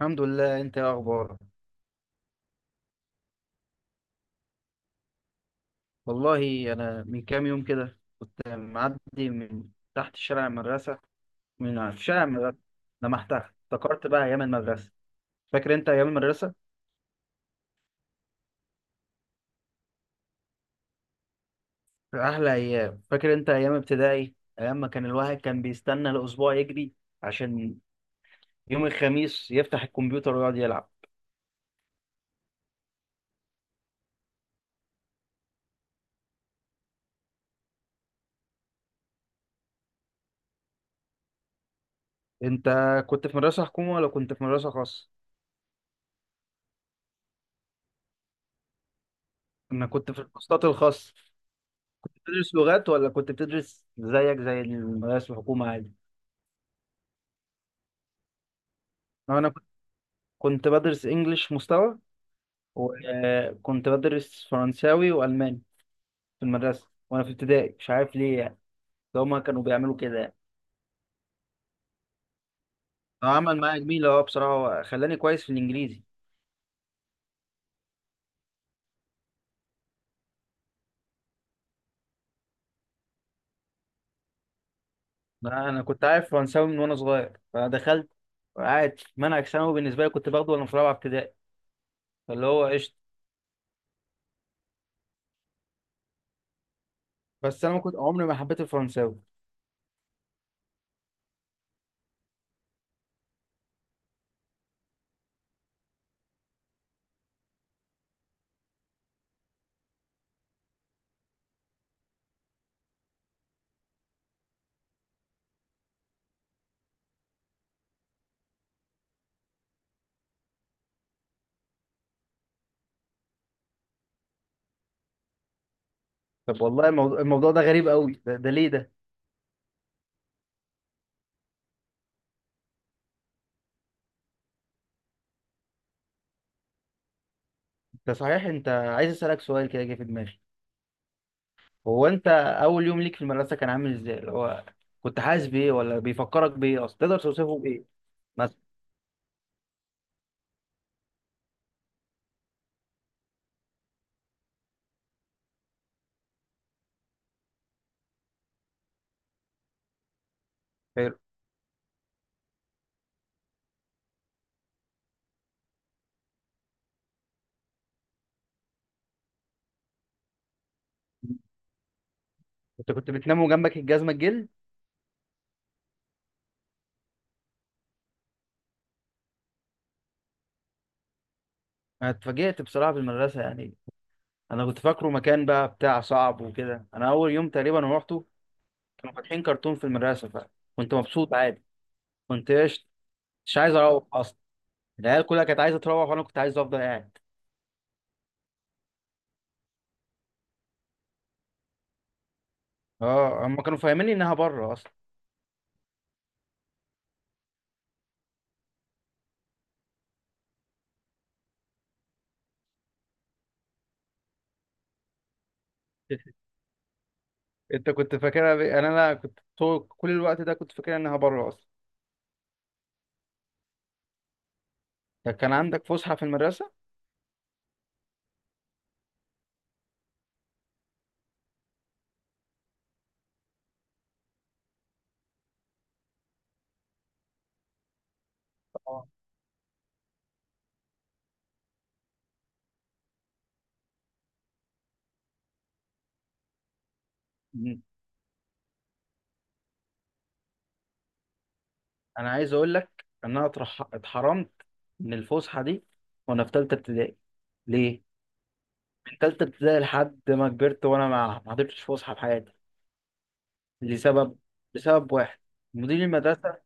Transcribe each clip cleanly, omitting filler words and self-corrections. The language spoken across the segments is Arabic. الحمد لله. انت ايه اخبارك؟ والله انا من كام يوم كده كنت معدي من تحت شارع المدرسه، في شارع المدرسه لمحت، افتكرت بقى ايام المدرسه. فاكر انت ايام المدرسه؟ احلى ايام. فاكر انت ايام ابتدائي؟ ايام ما كان الواحد كان بيستنى الاسبوع يجري عشان يوم الخميس يفتح الكمبيوتر ويقعد يلعب. انت كنت في مدرسه حكومه ولا كنت في مدرسه خاصه؟ انا كنت في الكورسات الخاصه. بتدرس لغات ولا كنت بتدرس زيك زي المدارس الحكومه عادي؟ انا كنت بدرس انجليش مستوى، وكنت بدرس فرنساوي والماني في المدرسه وانا في ابتدائي. مش عارف ليه يعني، ده هما كانوا بيعملوا كده يعني. هو عمل معايا جميل. اه، بصراحه هو خلاني كويس في الانجليزي. لا، انا كنت عارف فرنساوي من وانا صغير، فدخلت عادي. منهج ثانوي بالنسبه لي كنت باخده وانا في رابعه ابتدائي، فاللي هو قشطه. بس انا ما كنت، عمري ما حبيت الفرنساوي. طب والله الموضوع، ده غريب قوي، ده ليه ده؟ ده صحيح، انت عايز اسالك سؤال كده جه في دماغي. هو انت اول يوم ليك في المدرسه كان عامل ازاي؟ اللي هو كنت حاسس بايه ولا بيفكرك بايه اصلا؟ تقدر توصفه بايه مثلا؟ حلو. انت كنت بتنام وجنبك الجزمه الجلد؟ انا اتفاجئت بصراحه في المدرسه يعني. انا كنت فاكره مكان بقى بتاع صعب وكده. انا اول يوم تقريبا روحته كانوا فاتحين كرتون في المدرسه، فكنت مبسوط عادي. كنت قشط، مش عايز اروح اصلا. العيال كلها كانت عايزه تروح وانا كنت عايز افضل قاعد. اه، هم كانوا فاهميني انها بره اصلا. انت كنت فاكرها انا كنت طول كل الوقت ده كنت فاكرها انها بره اصلا. ده كان عندك فسحة في المدرسة؟ اه. مم. أنا عايز أقول لك إن أنا اتحرمت من الفسحة دي وأنا في تالتة ابتدائي. ليه؟ من تالتة ابتدائي لحد ما كبرت وأنا ما حضرتش فسحة في حياتي. لسبب لسبب واحد: مدير المدرسة.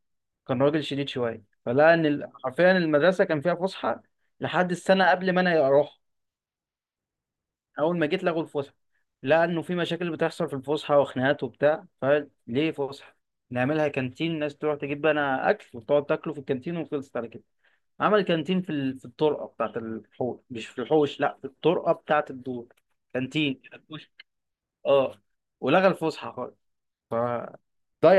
كان راجل شديد شوية، فلقى إن حرفيا المدرسة كان فيها فسحة لحد السنة قبل ما أنا أروح. اول ما جيت لغوا الفسحه. لقى انه في مشاكل بتحصل في الفسحه وخناقات وبتاع. فليه فسحه؟ نعملها كانتين، الناس تروح تجيب بقى اكل وتقعد تاكله في الكانتين، وخلصت على كده. عمل كانتين في الطرقه بتاعت الحوش، مش في الحوش، لا في الطرقه بتاعت الدور. كانتين. اه. ولغى الفسحه خالص. فضيع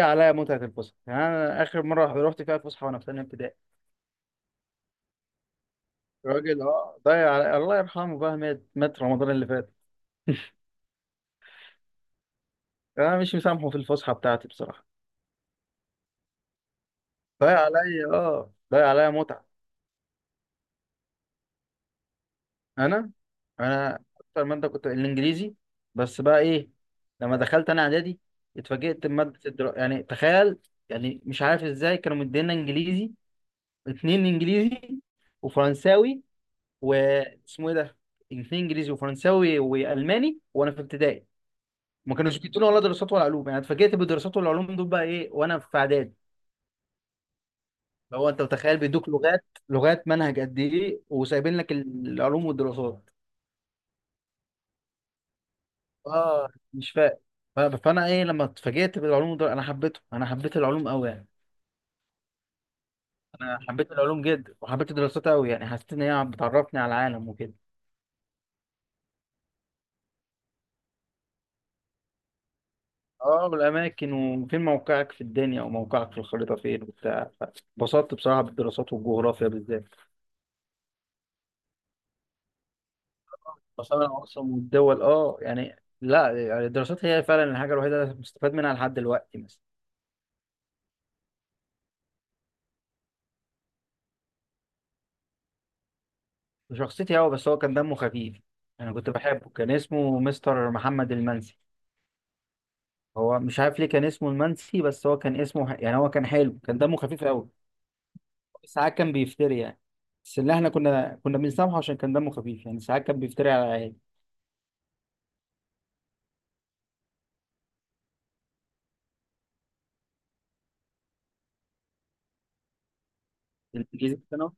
عليا متعه الفسحه يعني. انا اخر مره رحت فيها الفسحه وانا في ثانيه ابتدائي. راجل، اه، ضيع علي. الله يرحمه بقى، مات رمضان اللي فات. انا مش مسامحه في الفسحه بتاعتي بصراحه. ضايع عليا، اه، ضايع عليا متعة. انا انا اكتر مادة كنت الانجليزي. بس بقى ايه؟ لما دخلت انا اعدادي اتفاجئت بمادة يعني تخيل. يعني مش عارف ازاي كانوا مدينا انجليزي اتنين، انجليزي وفرنساوي، واسمه ايه ده، اتنين انجليزي وفرنساوي والماني وانا في ابتدائي. ما كانوش بيدونا ولا دراسات ولا علوم. يعني اتفاجئت بالدراسات والعلوم دول بقى ايه وانا في اعدادي. لو انت متخيل بيدوك لغات لغات منهج قد ايه وسايبين لك العلوم والدراسات. اه، مش فاهم. فانا ايه لما اتفاجئت بالعلوم دول. انا حبيته، انا حبيت العلوم قوي يعني. انا حبيت العلوم جدا، وحبيت الدراسات قوي، يعني حسيت ان هي بتعرفني على العالم وكده. اه، والاماكن وفين موقعك في الدنيا وموقعك في الخريطه فين وبتاع. اتبسطت بصراحه بالدراسات والجغرافيا بالذات. اصلا انا اصلا والدول، اه يعني. لا، يعني الدراسات هي فعلا الحاجه الوحيده اللي مستفاد منها لحد دلوقتي مثلا. شخصيتي، هو بس هو كان دمه خفيف. انا كنت بحبه، كان اسمه مستر محمد المنسي. هو مش عارف ليه كان اسمه المنسي، بس هو كان اسمه يعني هو كان حلو، كان دمه خفيف قوي. ساعات كان بيفتري يعني. بس اللي احنا كنا بنسامحه عشان كان دمه خفيف يعني. ساعات كان بيفتري على العيال. الانجليزي بتاعنا؟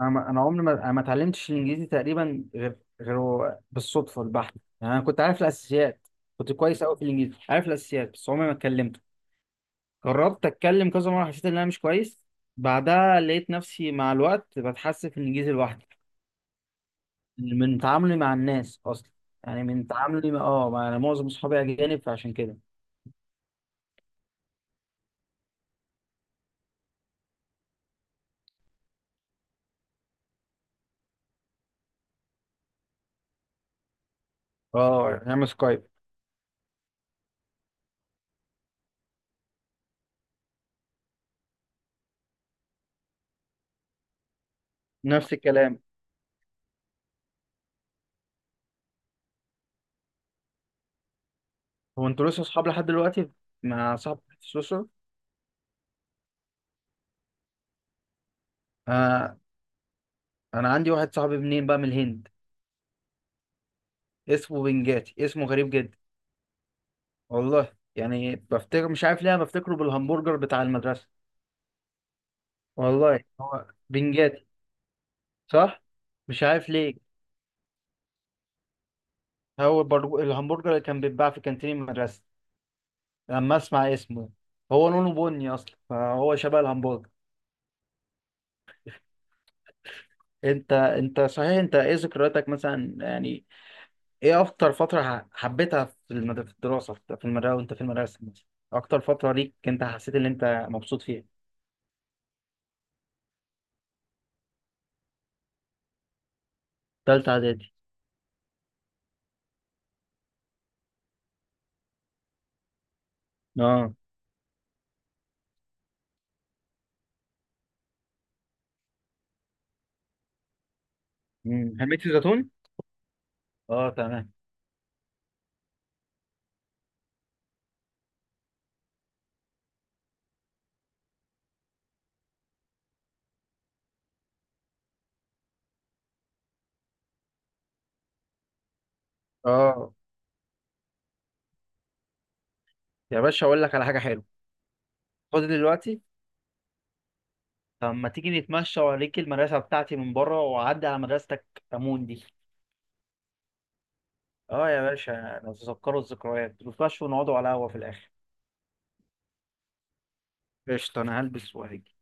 انا عمري ما انا ما اتعلمتش الانجليزي تقريبا غير، غير بالصدفه البحته. يعني انا كنت عارف الاساسيات. كنت كويس قوي في الانجليزي، عارف الاساسيات، بس عمري ما اتكلمته. جربت اتكلم كذا مره، حسيت ان انا مش كويس. بعدها لقيت نفسي مع الوقت بتحسن في الانجليزي لوحدي. من تعاملي مع الناس اصلا. يعني من تعاملي انا معظم اصحابي اجانب فعشان كده. اه، نعمل سكايب. نفس الكلام. هو انتوا لسه اصحاب لحد دلوقتي؟ مع صاحب في سويسرا؟ آه. انا عندي واحد صاحبي منين بقى؟ من الهند. اسمه بنجاتي، اسمه غريب جدا. والله يعني بفتكر، مش عارف ليه أنا بفتكره بالهمبرجر بتاع المدرسة. والله، هو بنجاتي. صح. مش عارف ليه. هو الهمبرجر اللي كان بيتباع في كانتين المدرسة لما اسمع اسمه. هو لونه بني اصلا، فهو شبه الهمبرجر. انت صحيح، انت ايه ذكرياتك مثلا يعني؟ ايه اكتر فترة حبيتها في في الدراسة، في المدرسة وانت في المدرسة مثلا؟ اكتر فترة ليك انت حسيت ان انت مبسوط فيها؟ تالتة اعدادي. اه. حميت الزيتون. اه، تمام. اه يا باشا، اقول لك على حاجة حلوة. خد دلوقتي. طب ما تيجي نتمشى، واوريك المدرسة بتاعتي من بره، واعدي على مدرستك، امون دي. اه يا باشا، نتذكروا الذكريات، نتمشوا ونقعدوا على قهوة في الاخر. قشطة، أنا هلبس وهجي.